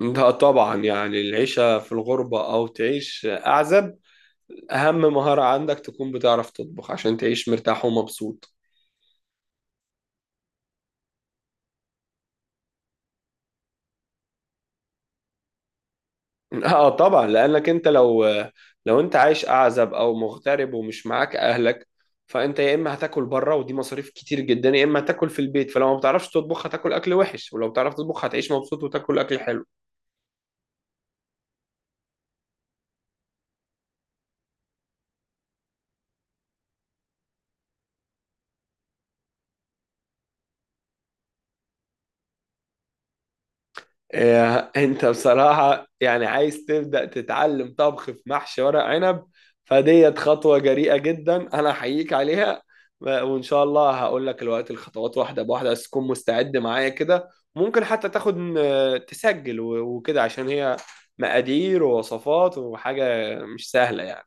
ده طبعا يعني العيشة في الغربة أو تعيش أعزب، أهم مهارة عندك تكون بتعرف تطبخ عشان تعيش مرتاح ومبسوط. اه طبعا، لأنك أنت لو أنت عايش أعزب أو مغترب ومش معاك أهلك، فأنت يا إما هتاكل بره ودي مصاريف كتير جدا، يا إما هتاكل في البيت. فلو ما بتعرفش تطبخ هتاكل أكل وحش، ولو بتعرف تطبخ هتعيش مبسوط وتاكل أكل حلو. إيه، انت بصراحة يعني عايز تبدأ تتعلم طبخ في محشي ورق عنب؟ فديت خطوة جريئة جدا انا احييك عليها. وان شاء الله هقول لك الوقت الخطوات واحدة بواحدة، بس تكون مستعد معايا كده. ممكن حتى تاخد تسجل وكده، عشان هي مقادير ووصفات وحاجة مش سهلة يعني.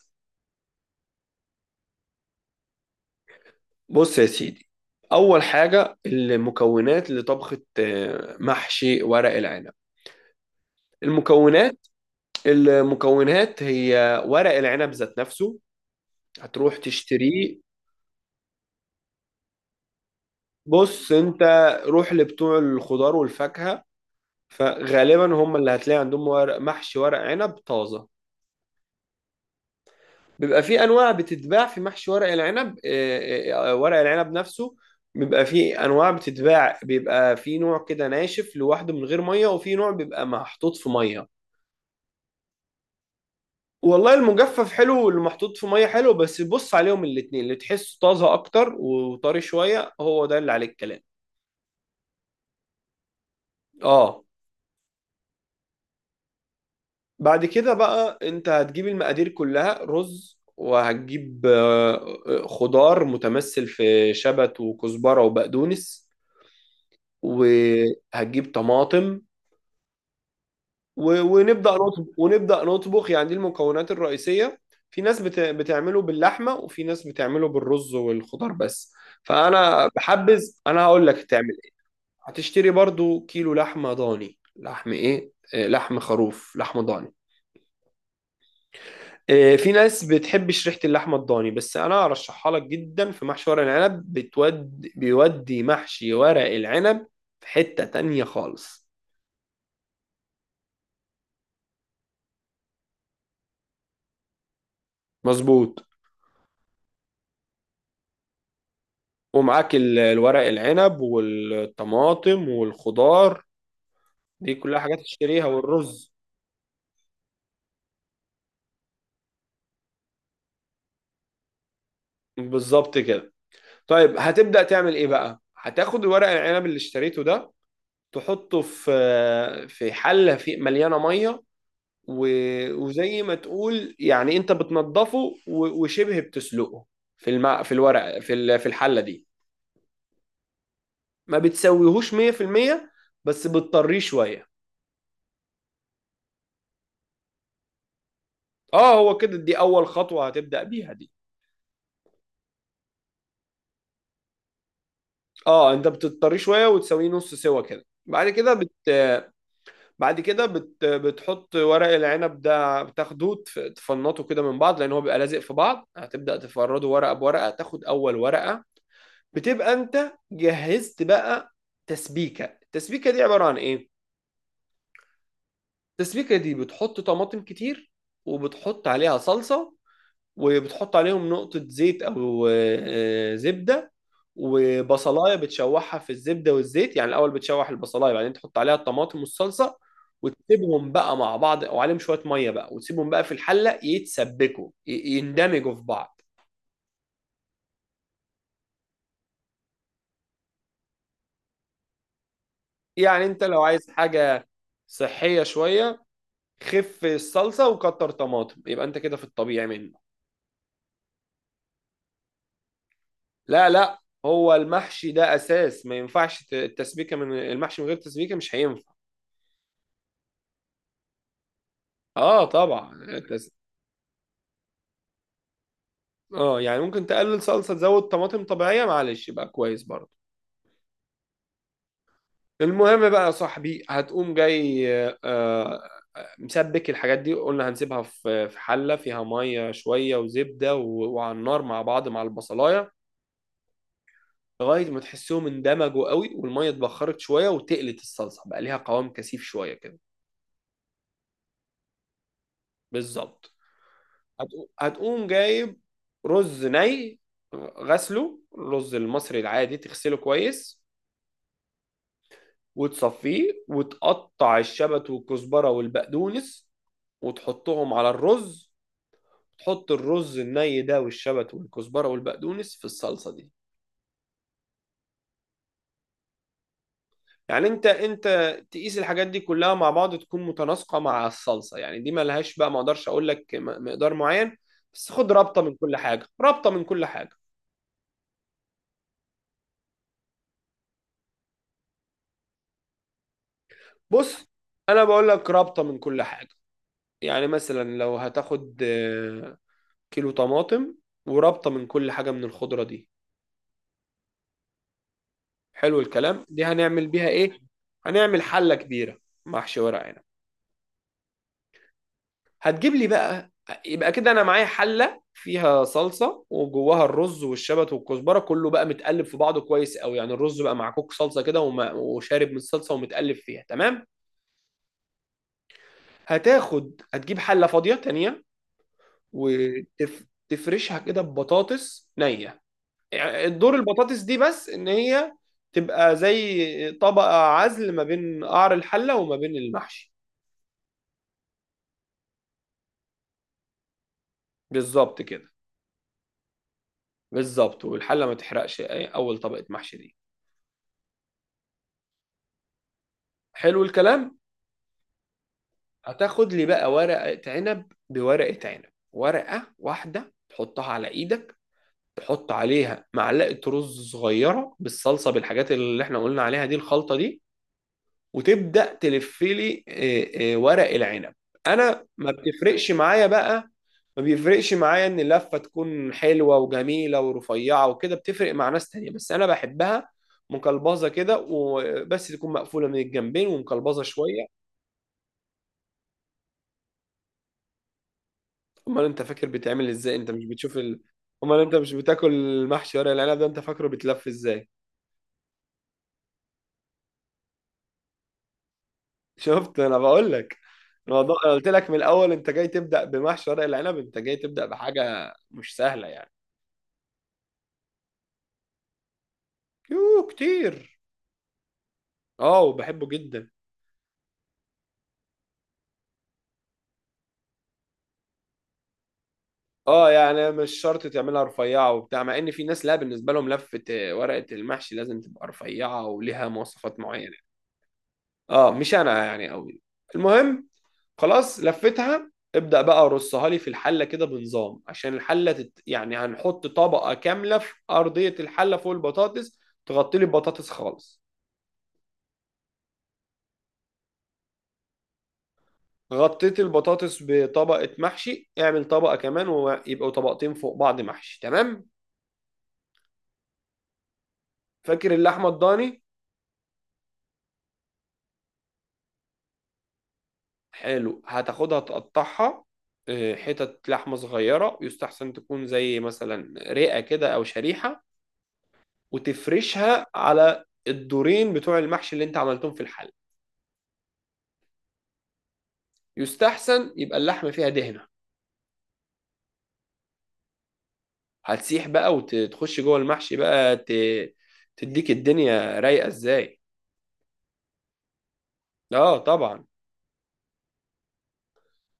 بص يا سيدي، اول حاجة المكونات لطبخة محشي ورق العنب. المكونات، المكونات هي ورق العنب ذات نفسه، هتروح تشتريه. بص انت، روح لبتوع الخضار والفاكهة، فغالبا هم اللي هتلاقي عندهم ورق محشي ورق عنب طازة. بيبقى في انواع بتتباع في محشي ورق العنب، ورق العنب نفسه بيبقى في انواع بتتباع، بيبقى في نوع كده ناشف لوحده من غير ميه، وفي نوع بيبقى محطوط في ميه. والله المجفف حلو، واللي محطوط في ميه حلو، بس بص عليهم الاتنين اللي تحسه طازه اكتر وطري شويه هو ده اللي عليه الكلام. اه. بعد كده بقى انت هتجيب المقادير كلها، رز، وهتجيب خضار متمثل في شبت وكزبره وبقدونس، وهتجيب طماطم، ونبدأ نطبخ يعني دي المكونات الرئيسية. في ناس بتعمله باللحمة، وفي ناس بتعمله بالرز والخضار بس، فأنا بحبذ، أنا هقول لك تعمل إيه. هتشتري برضو كيلو لحمة ضاني، لحم إيه، لحم خروف، لحمة ضاني. في ناس بتحبش ريحة اللحمة الضاني، بس أنا أرشحها لك جدا في محشي ورق العنب، بيودي محشي ورق العنب في حتة تانية خالص. مظبوط. ومعاك الورق العنب والطماطم والخضار، دي كلها حاجات تشتريها، والرز. بالظبط كده. طيب هتبدأ تعمل ايه بقى؟ هتاخد الورق العنب اللي اشتريته ده، تحطه في في حلة في مليانة مية، وزي ما تقول يعني انت بتنضفه، وشبه بتسلقه في الماء، في الورق، في في الحلة دي، ما بتسويهوش 100%، بس بتطريه شوية. اه هو كده، دي اول خطوة هتبدأ بيها دي. اه، انت بتضطريه شويه وتسويه نص سوا كده. بعد كده بتحط ورق العنب ده، بتاخده تفنطه كده من بعض لان هو بيبقى لازق في بعض، هتبدأ تفرده ورقه بورقه، تاخد اول ورقه. بتبقى انت جهزت بقى تسبيكه. التسبيكه دي عباره عن ايه؟ التسبيكه دي بتحط طماطم كتير، وبتحط عليها صلصه، وبتحط عليهم نقطه زيت او زبده، وبصلايه بتشوحها في الزبده والزيت، يعني الاول بتشوح البصلايه، بعدين تحط عليها الطماطم والصلصه، وتسيبهم بقى مع بعض وعليهم شويه ميه بقى، وتسيبهم بقى في الحله يتسبكوا يندمجوا في بعض. يعني انت لو عايز حاجه صحيه شويه، خف الصلصه وكتر طماطم، يبقى انت كده في الطبيعي منه. لا لا، هو المحشي ده اساس ما ينفعش التسبيكه، من المحشي من غير تسبيكه مش هينفع. اه طبعا، اه يعني ممكن تقلل صلصه تزود طماطم طبيعيه، معلش يبقى كويس برضه. المهم بقى يا صاحبي، هتقوم جاي مسبك الحاجات دي، قلنا هنسيبها في في حلة فيها مية شوية وزبدة وعلى النار مع بعض، مع البصلاية، لغاية ما تحسهم اندمجوا قوي والمية اتبخرت شوية وتقلت الصلصة بقى ليها قوام كثيف شوية كده. بالظبط. هتقوم جايب رز ني، غسله، الرز المصري العادي تغسله كويس، وتصفيه، وتقطع الشبت والكزبرة والبقدونس، وتحطهم على الرز، تحط الرز الني ده والشبت والكزبره والبقدونس في الصلصه دي. يعني انت تقيس الحاجات دي كلها مع بعض تكون متناسقه مع الصلصه، يعني دي ملهاش بقى، ما اقدرش اقول لك مقدار معين، بس خد رابطه من كل حاجه، رابطه من كل حاجه. بص انا بقول لك رابطه من كل حاجه، يعني مثلا لو هتاخد كيلو طماطم، ورابطه من كل حاجه من الخضره دي. حلو الكلام، دي هنعمل بيها ايه؟ هنعمل حله كبيره محشي ورق عنب. هتجيب لي بقى، يبقى كده انا معايا حله فيها صلصه وجواها الرز والشبت والكزبره، كله بقى متقلب في بعضه كويس قوي، يعني الرز بقى مع كوك صلصه كده وشارب من الصلصه ومتقلب فيها تمام. هتاخد هتجيب حله فاضيه تانية، وتفرشها كده ببطاطس نيه، يعني دور البطاطس دي بس ان هي تبقى زي طبقه عزل ما بين قعر الحله وما بين المحشي. بالظبط كده. بالظبط، والحله ما تحرقش اول طبقه محشي دي. حلو الكلام. هتاخد لي بقى ورقة عنب بورقة عنب، ورقة واحدة تحطها على ايدك، تحط عليها معلقة رز صغيرة بالصلصة، بالحاجات اللي احنا قلنا عليها دي، الخلطة دي، وتبدأ تلف لي ورق العنب. انا ما بتفرقش معايا بقى، ما بيفرقش معايا ان اللفة تكون حلوة وجميلة ورفيعة وكده، بتفرق مع ناس تانية بس انا بحبها مقلبظة كده، وبس تكون مقفولة من الجنبين ومقلبظة شوية. امال انت فاكر بيتعمل ازاي؟ انت مش بتشوف امال انت مش بتاكل المحشي ورق العنب ده؟ انت فاكره بيتلف ازاي؟ شفت، انا بقول لك، الموضوع، انا قلت لك من الاول انت جاي تبدا بمحشي ورق العنب، انت جاي تبدا بحاجه مش سهله يعني. يوه كتير، اه وبحبه جدا. اه يعني مش شرط تعملها رفيعه وبتاع، مع ان في ناس لا بالنسبه لهم لفه ورقه المحشي لازم تبقى رفيعه وليها مواصفات معينه. اه مش انا يعني قوي. المهم، خلاص لفتها، ابدأ بقى رصها لي في الحلة كده بنظام، عشان الحلة يعني هنحط طبقة كاملة في أرضية الحلة فوق البطاطس، تغطي لي البطاطس خالص. غطيت البطاطس بطبقة محشي، اعمل طبقة كمان ويبقوا طبقتين فوق بعض محشي، تمام. فاكر اللحمة الضاني؟ حلو، هتاخدها تقطعها اه، حتت لحمة صغيرة، يستحسن تكون زي مثلا رئة كده أو شريحة، وتفرشها على الدورين بتوع المحشي اللي انت عملتهم في الحلة. يستحسن يبقى اللحمه فيها دهنه، هتسيح بقى وتخش جوه المحشي بقى، تديك الدنيا رايقه ازاي. اه طبعا.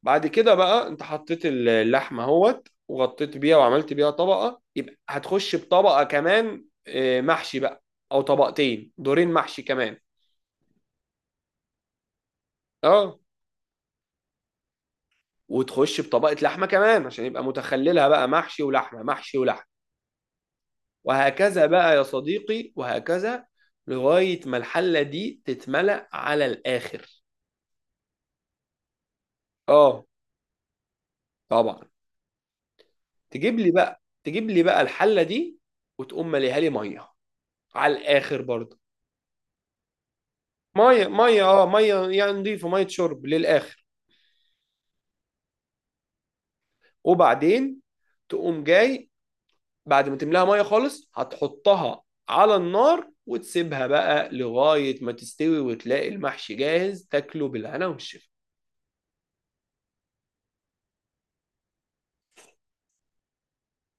بعد كده بقى انت حطيت اللحمه اهوت وغطيت بيها وعملت بيها طبقه، يبقى هتخش بطبقه كمان محشي بقى، او طبقتين دورين محشي كمان. اه، وتخش بطبقه لحمه كمان عشان يبقى متخللها بقى محشي ولحمه محشي ولحمه، وهكذا بقى يا صديقي وهكذا، لغايه ما الحله دي تتملأ على الاخر. اه طبعا. تجيب لي بقى، تجيب لي بقى الحله دي، وتقوم مليها لي ميه على الاخر برضه. ميه ميه، اه ميه يعني نضيفه، ميه شرب للاخر. وبعدين تقوم جاي، بعد ما تملاها ميه خالص هتحطها على النار، وتسيبها بقى لغايه ما تستوي وتلاقي المحشي جاهز، تاكله بالهنا والشفا.